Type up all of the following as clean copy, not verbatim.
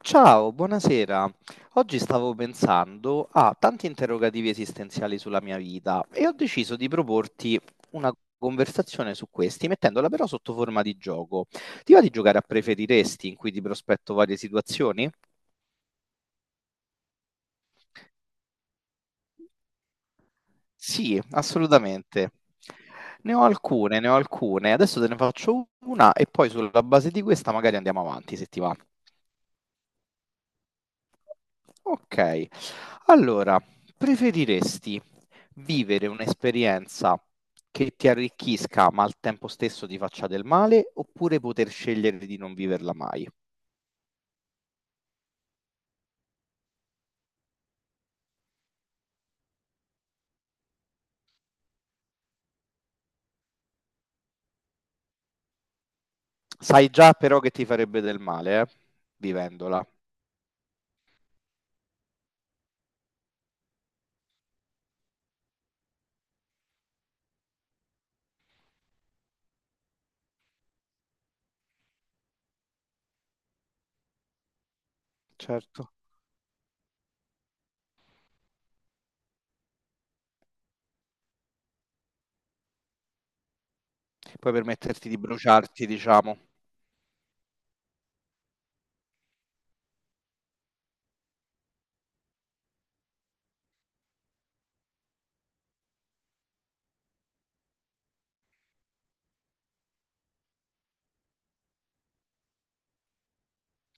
Ciao, buonasera. Oggi stavo pensando a tanti interrogativi esistenziali sulla mia vita e ho deciso di proporti una conversazione su questi, mettendola però sotto forma di gioco. Ti va di giocare a preferiresti, in cui ti prospetto varie situazioni? Sì, assolutamente. Ne ho alcune. Adesso te ne faccio una e poi sulla base di questa magari andiamo avanti, se ti va. Ok, allora, preferiresti vivere un'esperienza che ti arricchisca ma al tempo stesso ti faccia del male oppure poter scegliere di non viverla mai? Sai già però che ti farebbe del male, eh? Vivendola, certo. Puoi permetterti di bruciarti, diciamo.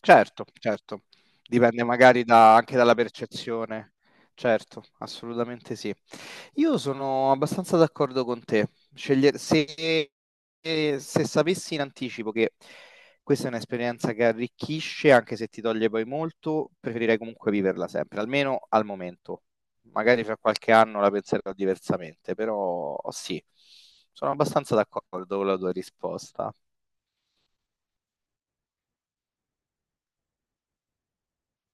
Certo, certo. Dipende magari anche dalla percezione. Certo, assolutamente sì. Io sono abbastanza d'accordo con te. Scegliere, se sapessi in anticipo che questa è un'esperienza che arricchisce, anche se ti toglie poi molto, preferirei comunque viverla sempre, almeno al momento. Magari fra qualche anno la penserò diversamente, però sì, sono abbastanza d'accordo con la tua risposta.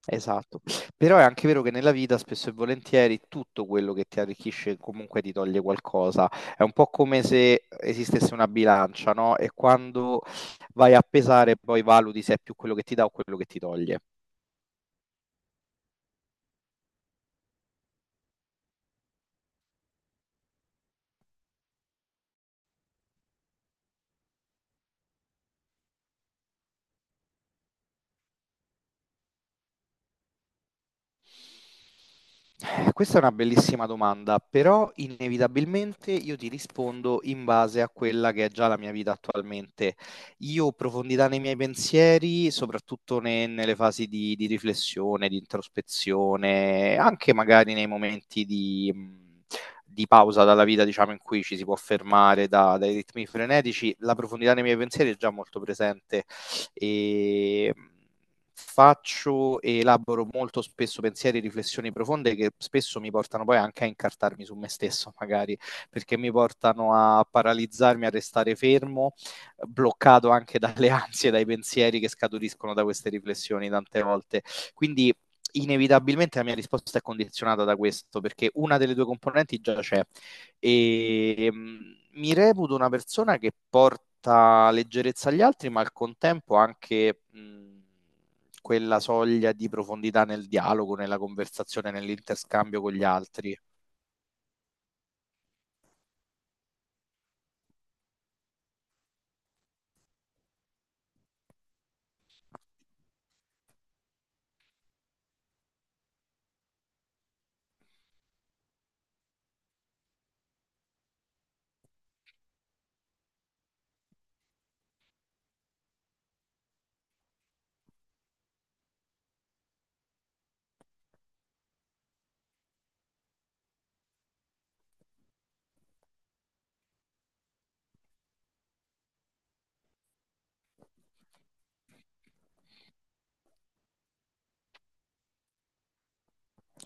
Esatto, però è anche vero che nella vita spesso e volentieri tutto quello che ti arricchisce comunque ti toglie qualcosa. È un po' come se esistesse una bilancia, no? E quando vai a pesare poi valuti se è più quello che ti dà o quello che ti toglie. Questa è una bellissima domanda, però inevitabilmente io ti rispondo in base a quella che è già la mia vita attualmente. Io profondità nei miei pensieri, soprattutto nelle fasi di riflessione, di introspezione, anche magari nei momenti di pausa dalla vita, diciamo, in cui ci si può fermare dai ritmi frenetici, la profondità nei miei pensieri è già molto presente e faccio e elaboro molto spesso pensieri e riflessioni profonde che spesso mi portano poi anche a incartarmi su me stesso, magari perché mi portano a paralizzarmi, a restare fermo, bloccato anche dalle ansie, dai pensieri che scaturiscono da queste riflessioni tante volte. Quindi inevitabilmente la mia risposta è condizionata da questo, perché una delle due componenti già c'è, e mi reputo una persona che porta leggerezza agli altri, ma al contempo anche quella soglia di profondità nel dialogo, nella conversazione, nell'interscambio con gli altri.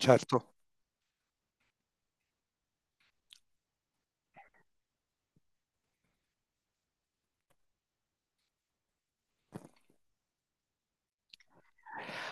Certo.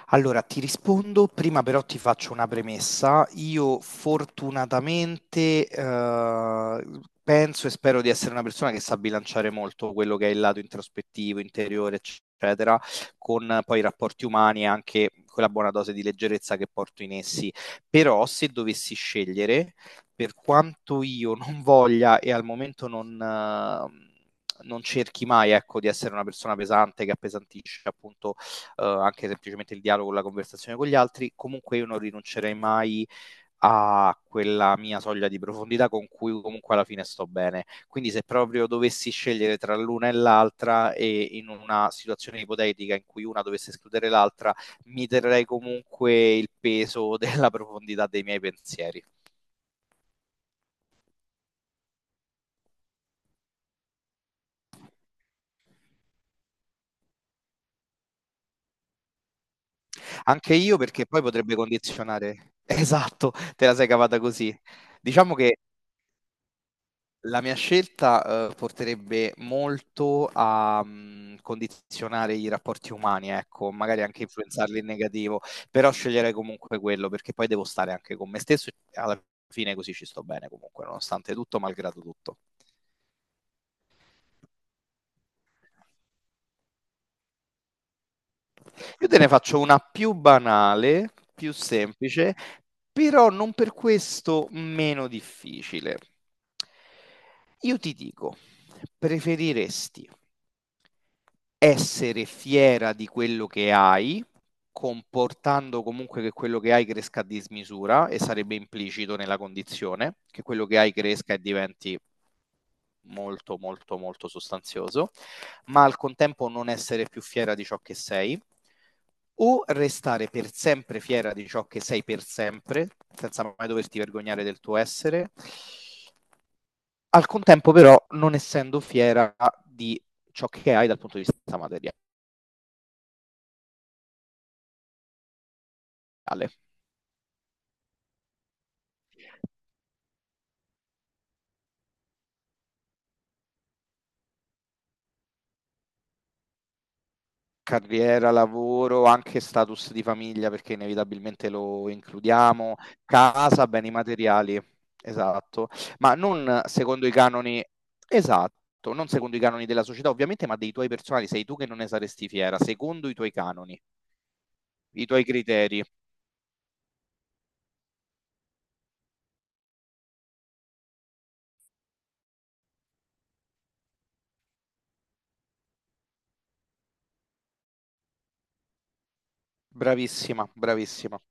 Allora, ti rispondo, prima però ti faccio una premessa. Io fortunatamente penso e spero di essere una persona che sa bilanciare molto quello che è il lato introspettivo, interiore, eccetera, con poi i rapporti umani e anche quella buona dose di leggerezza che porto in essi. Però se dovessi scegliere, per quanto io non voglia e al momento non... non cerchi mai, ecco, di essere una persona pesante che appesantisce appunto anche semplicemente il dialogo, la conversazione con gli altri, comunque io non rinuncerei mai a quella mia soglia di profondità con cui comunque alla fine sto bene. Quindi se proprio dovessi scegliere tra l'una e l'altra e in una situazione ipotetica in cui una dovesse escludere l'altra, mi terrei comunque il peso della profondità dei miei pensieri. Anche io perché poi potrebbe condizionare. Esatto, te la sei cavata così. Diciamo che la mia scelta, porterebbe molto a, condizionare i rapporti umani, ecco, magari anche influenzarli in negativo, però sceglierei comunque quello, perché poi devo stare anche con me stesso e alla fine così ci sto bene comunque, nonostante tutto, malgrado tutto. Io te ne faccio una più banale, più semplice, però non per questo meno difficile. Io ti dico, preferiresti essere fiera di quello che hai, comportando comunque che quello che hai cresca a dismisura, e sarebbe implicito nella condizione, che quello che hai cresca e diventi molto molto molto sostanzioso, ma al contempo non essere più fiera di ciò che sei, o restare per sempre fiera di ciò che sei per sempre, senza mai doverti vergognare del tuo essere, al contempo però non essendo fiera di ciò che hai dal punto di vista materiale. Carriera, lavoro, anche status di famiglia, perché inevitabilmente lo includiamo, casa, beni materiali, esatto, ma non secondo i canoni, esatto, non secondo i canoni della società ovviamente, ma dei tuoi personali, sei tu che non ne saresti fiera, secondo i tuoi canoni, i tuoi criteri. Bravissima, bravissima,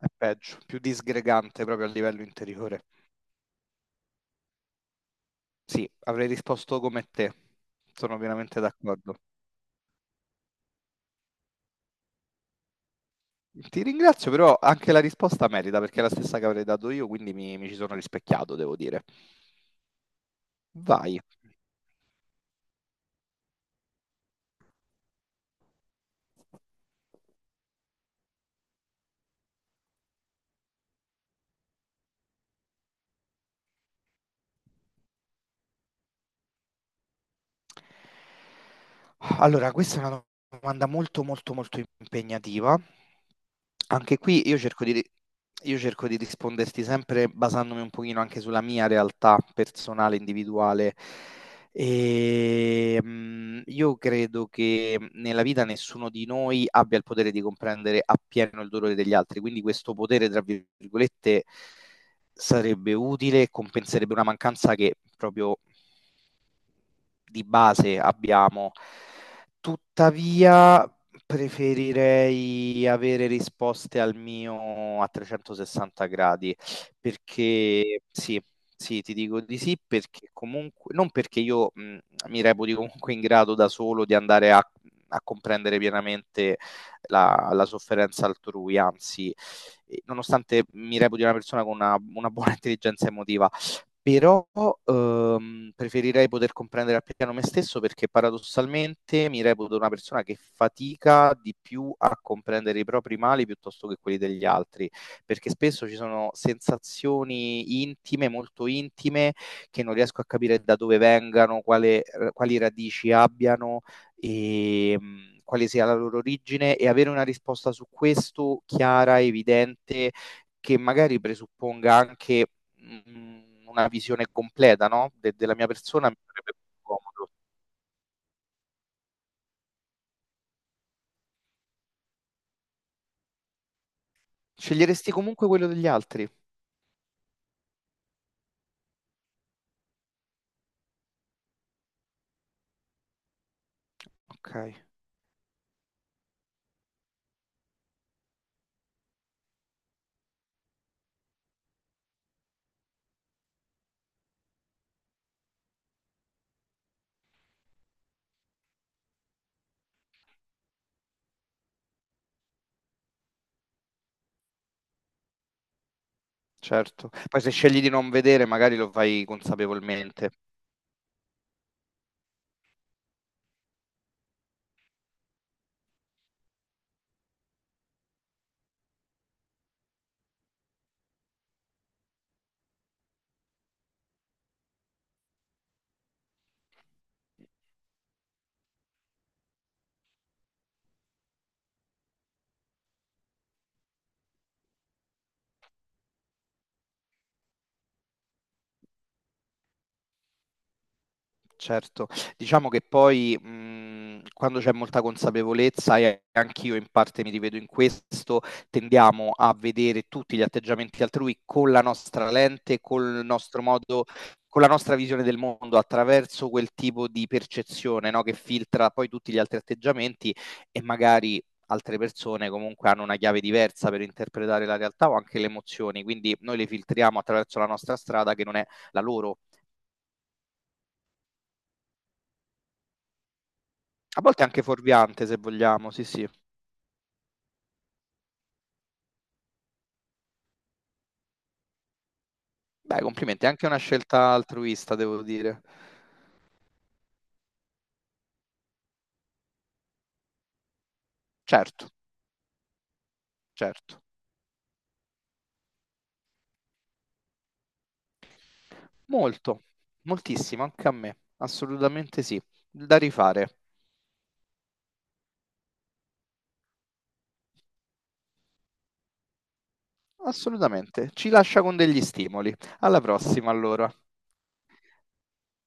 è peggio, più disgregante proprio a livello interiore. Sì, avrei risposto come te, sono pienamente d'accordo. Ti ringrazio, però anche la risposta merita perché è la stessa che avrei dato io, quindi mi ci sono rispecchiato, devo dire. Vai. Allora, questa è una domanda molto, molto, molto impegnativa. Anche qui io cerco di risponderti sempre basandomi un pochino anche sulla mia realtà personale, individuale. E, io credo che nella vita nessuno di noi abbia il potere di comprendere appieno il dolore degli altri, quindi questo potere, tra virgolette, sarebbe utile e compenserebbe una mancanza che proprio di base abbiamo. Tuttavia, preferirei avere risposte al mio a 360 gradi, perché sì, sì, ti dico di sì, perché comunque, non perché io mi reputi comunque in grado da solo di andare a comprendere pienamente la sofferenza altrui, anzi, nonostante mi reputi una persona con una buona intelligenza emotiva, però preferirei poter comprendere al piano me stesso perché paradossalmente mi reputo una persona che fatica di più a comprendere i propri mali piuttosto che quelli degli altri, perché spesso ci sono sensazioni intime, molto intime, che non riesco a capire da dove vengano, quali radici abbiano e quale sia la loro origine e avere una risposta su questo chiara, evidente che magari presupponga anche una visione completa, no? Della mia persona mi sarebbe più comodo. Sceglieresti comunque quello degli altri? Ok, certo. Poi se scegli di non vedere, magari lo fai consapevolmente. Certo, diciamo che poi, quando c'è molta consapevolezza e anch'io in parte mi rivedo in questo, tendiamo a vedere tutti gli atteggiamenti altrui con la nostra lente, col nostro modo con la nostra visione del mondo, attraverso quel tipo di percezione, no, che filtra poi tutti gli altri atteggiamenti e magari altre persone comunque hanno una chiave diversa per interpretare la realtà o anche le emozioni, quindi noi le filtriamo attraverso la nostra strada che non è la loro. A volte anche fuorviante, se vogliamo, sì, sì. Beh, complimenti, è anche una scelta altruista, devo dire. Certo, certo. Molto, moltissimo, anche a me. Assolutamente sì. Da rifare. Assolutamente. Ci lascia con degli stimoli. Alla prossima, allora.